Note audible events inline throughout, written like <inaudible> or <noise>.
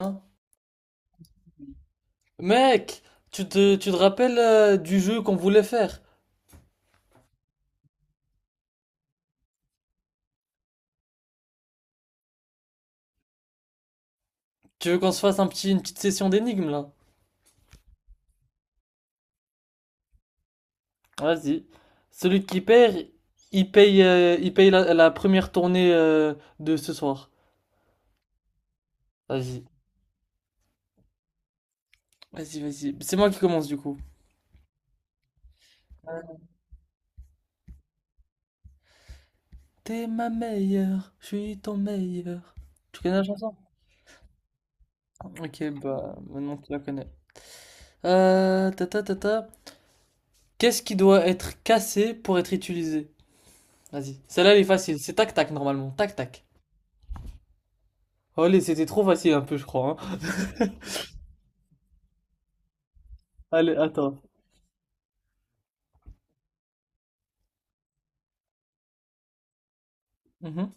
Hein, mec, tu te rappelles du jeu qu'on voulait faire? Tu veux qu'on se fasse un petit, une petite session d'énigmes là? Vas-y. Celui qui perd, il paye la première tournée de ce soir. Vas-y. Vas-y. C'est moi qui commence du coup. T'es ma meilleure, je suis ton meilleur. Tu connais la chanson? Ok, bah maintenant tu la connais. Ta ta ta ta. Qu'est-ce qui doit être cassé pour être utilisé? Vas-y. Celle-là elle est facile. C'est tac tac normalement. Tac tac. Allez, c'était trop facile un peu, je crois, hein. <laughs> Allez, attends. Mhm.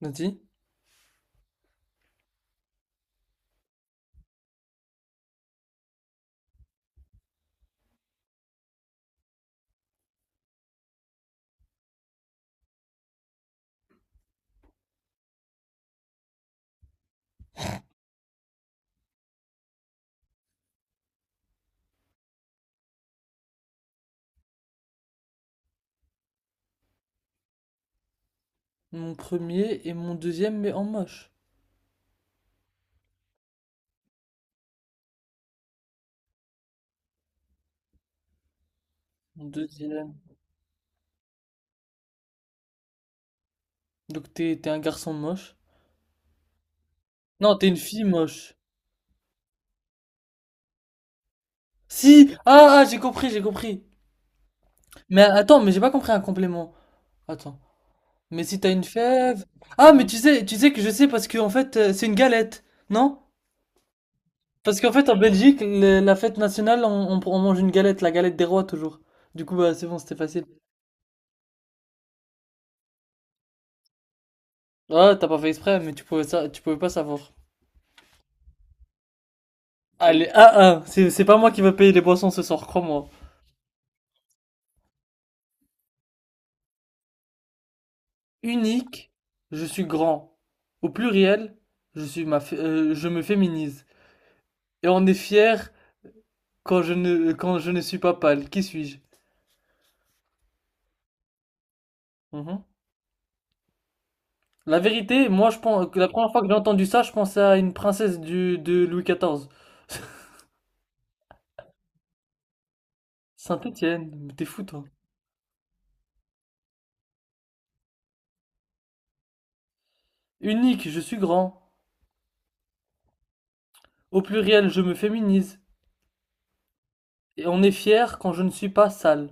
Vas-y. Mon premier et mon deuxième, mais en moche. Mon deuxième. Donc t'es un garçon moche. Non, t'es une fille moche. Si! Ah, j'ai compris. Mais attends, mais j'ai pas compris un complément. Attends. Mais si t'as une fève. Ah, mais tu sais que je sais parce que en fait, c'est une galette, non? Parce qu'en fait, en Belgique, la fête nationale, on mange une galette, la galette des rois toujours. Du coup, bah, c'est bon, c'était facile. Ah, t'as pas fait exprès, mais tu pouvais ça, tu pouvais pas savoir. Allez, 1 un. C'est pas moi qui va payer les boissons ce soir, crois-moi. Unique, je suis grand. Au pluriel, je suis ma, fé- je me féminise. Et on est fier quand je ne suis pas pâle. Qui suis-je? Mhm. La vérité, moi, je pense que la première fois que j'ai entendu ça, je pensais à une princesse de Louis XIV. <laughs> Saint-Étienne, mais t'es fou, toi. Unique, je suis grand. Au pluriel, je me féminise. Et on est fier quand je ne suis pas sale.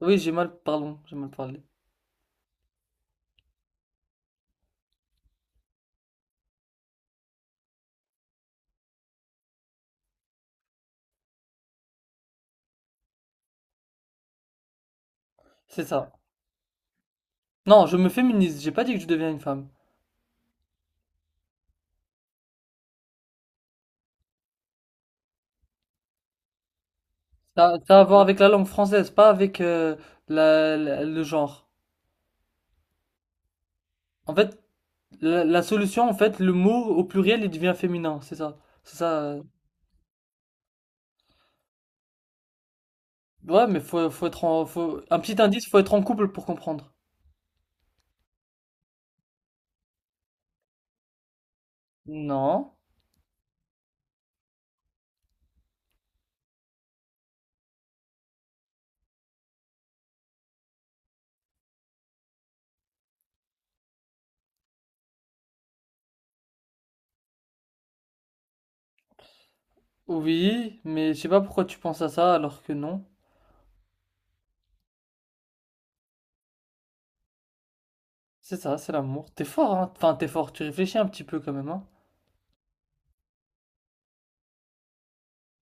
Oui, j'ai mal, pardon, j'ai mal parlé. C'est ça. Non, je me féminise, j'ai pas dit que je deviens une femme. Ça a à voir avec la langue française, pas avec le genre. En fait, la solution, en fait, le mot au pluriel, il devient féminin, c'est ça. C'est ça. Ouais, mais faut être en, faut... Un petit indice, faut être en couple pour comprendre. Non. Oui, mais je sais pas pourquoi tu penses à ça alors que non. C'est ça, c'est l'amour. T'es fort, hein. Enfin, t'es fort, tu réfléchis un petit peu quand même, hein.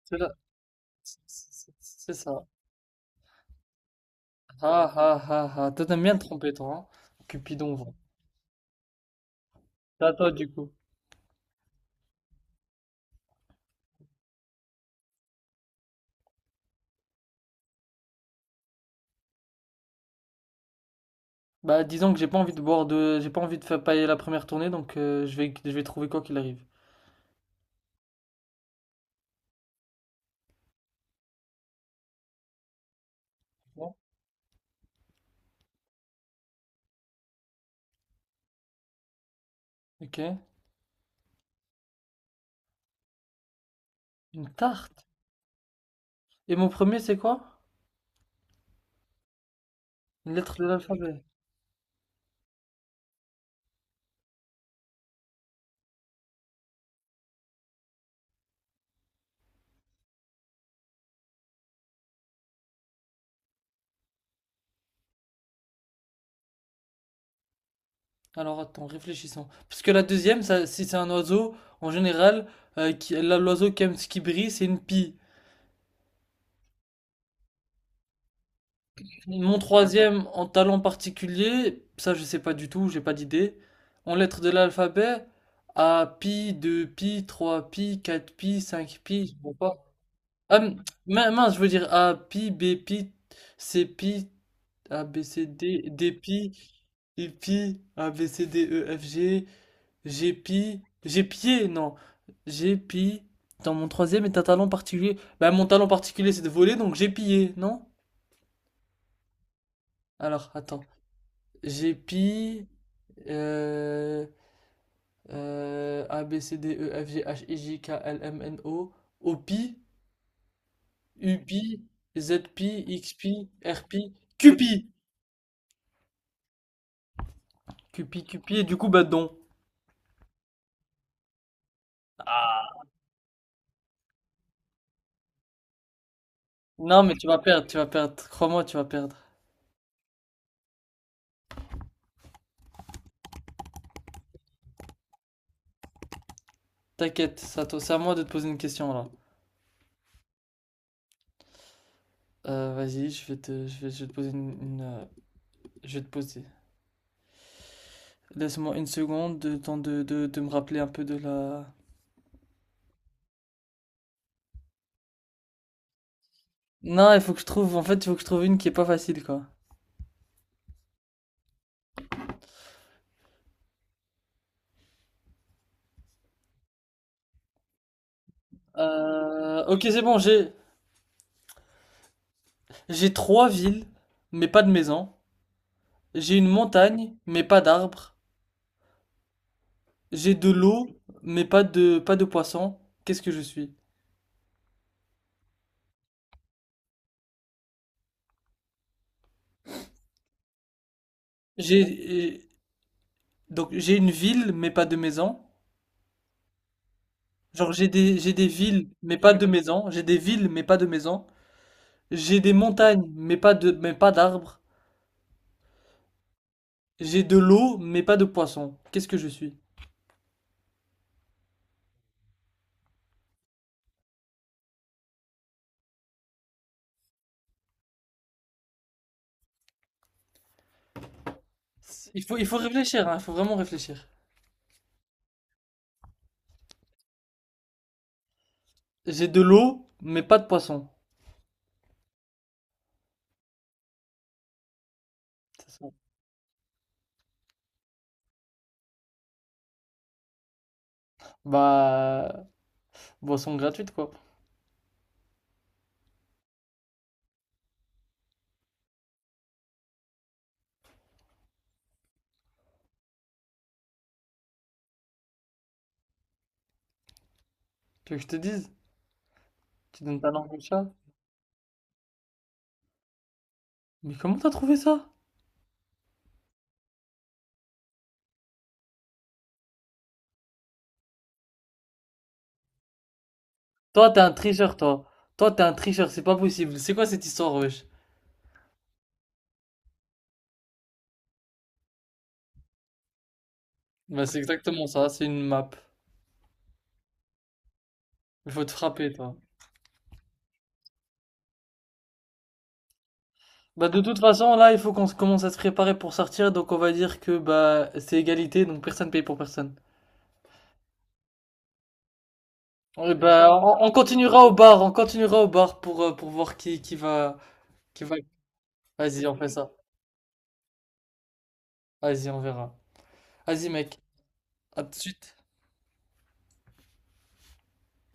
C'est là- c'est ça. Ah ah ah ah. Toi, t'aimes bien te tromper, toi, hein. Cupidon, va. C'est à toi, du coup. Bah, disons que j'ai pas envie de faire pailler la première tournée, donc je vais trouver quoi qu'il arrive. Bon. Ok. Une tarte. Et mon premier, c'est quoi? Une lettre de l'alphabet. Alors attends, réfléchissons. Parce que la deuxième, ça, si c'est un oiseau, en général, qui, là, l'oiseau qui aime ce qui brille, c'est une pie. Mon troisième, en talent particulier, ça je sais pas du tout, j'ai pas d'idée. En lettres de l'alphabet, A, pi, 2 pi, 3 pi, 4 pi, 5 pi, je vois pas. Mince, je veux dire A, pi, B, pi, C, pi, A, B, C, D, D, pi, I, pi, A, B, C, D, E, F, G, G, pi, G, pied, non, G, pi, dans mon troisième est un talent particulier. Bah, mon talent particulier, c'est de voler, donc j'ai pillé, non? Alors, attends, G, pi, euh, A, B, C, D, E, F, G, H, I, J, K, L, M, N, O, O, pi, U, pi, Z, pi, X, pi, R, pi, Q, pi. Cupi, Cupi et du coup Badon. Ah, non mais tu vas perdre, tu vas perdre. Crois-moi, tu vas perdre. T'inquiète, c'est à moi de te poser une question là. Vas-y, je vais te poser une, je vais te poser. Laisse-moi une seconde, de temps de me rappeler un peu de la. Non, il faut que je trouve. En fait, il faut que je trouve une qui est pas facile quoi. Ok, c'est bon. J'ai trois villes, mais pas de maison. J'ai une montagne, mais pas d'arbres. J'ai de l'eau, mais pas de poissons. Qu'est-ce que je suis? J'ai, Donc j'ai une ville mais pas de maison. Genre j'ai des villes mais pas de maison. J'ai des villes mais pas de maison. J'ai des montagnes mais pas d'arbres. J'ai de l'eau mais pas de poissons. Qu'est-ce que je suis? Il faut réfléchir, hein, il faut vraiment réfléchir. J'ai de l'eau mais pas de poissons. C'est ça. Bah, boisson gratuite quoi. Tu veux que je te dise? Tu donnes ta langue au chat? Mais comment t'as trouvé ça? Toi t'es un tricheur toi. Toi t'es un tricheur, c'est pas possible. C'est quoi cette histoire wesh? Bah c'est exactement ça, c'est une map. Il faut te frapper, toi. Bah, de toute façon, là, il faut commence à se préparer pour sortir. Donc, on va dire que bah, c'est égalité, donc personne paye pour personne. Et bah, on continuera au bar, on continuera au bar pour voir qui va. Vas-y, on fait ça. Vas-y, on verra. Vas-y, mec. À tout de suite.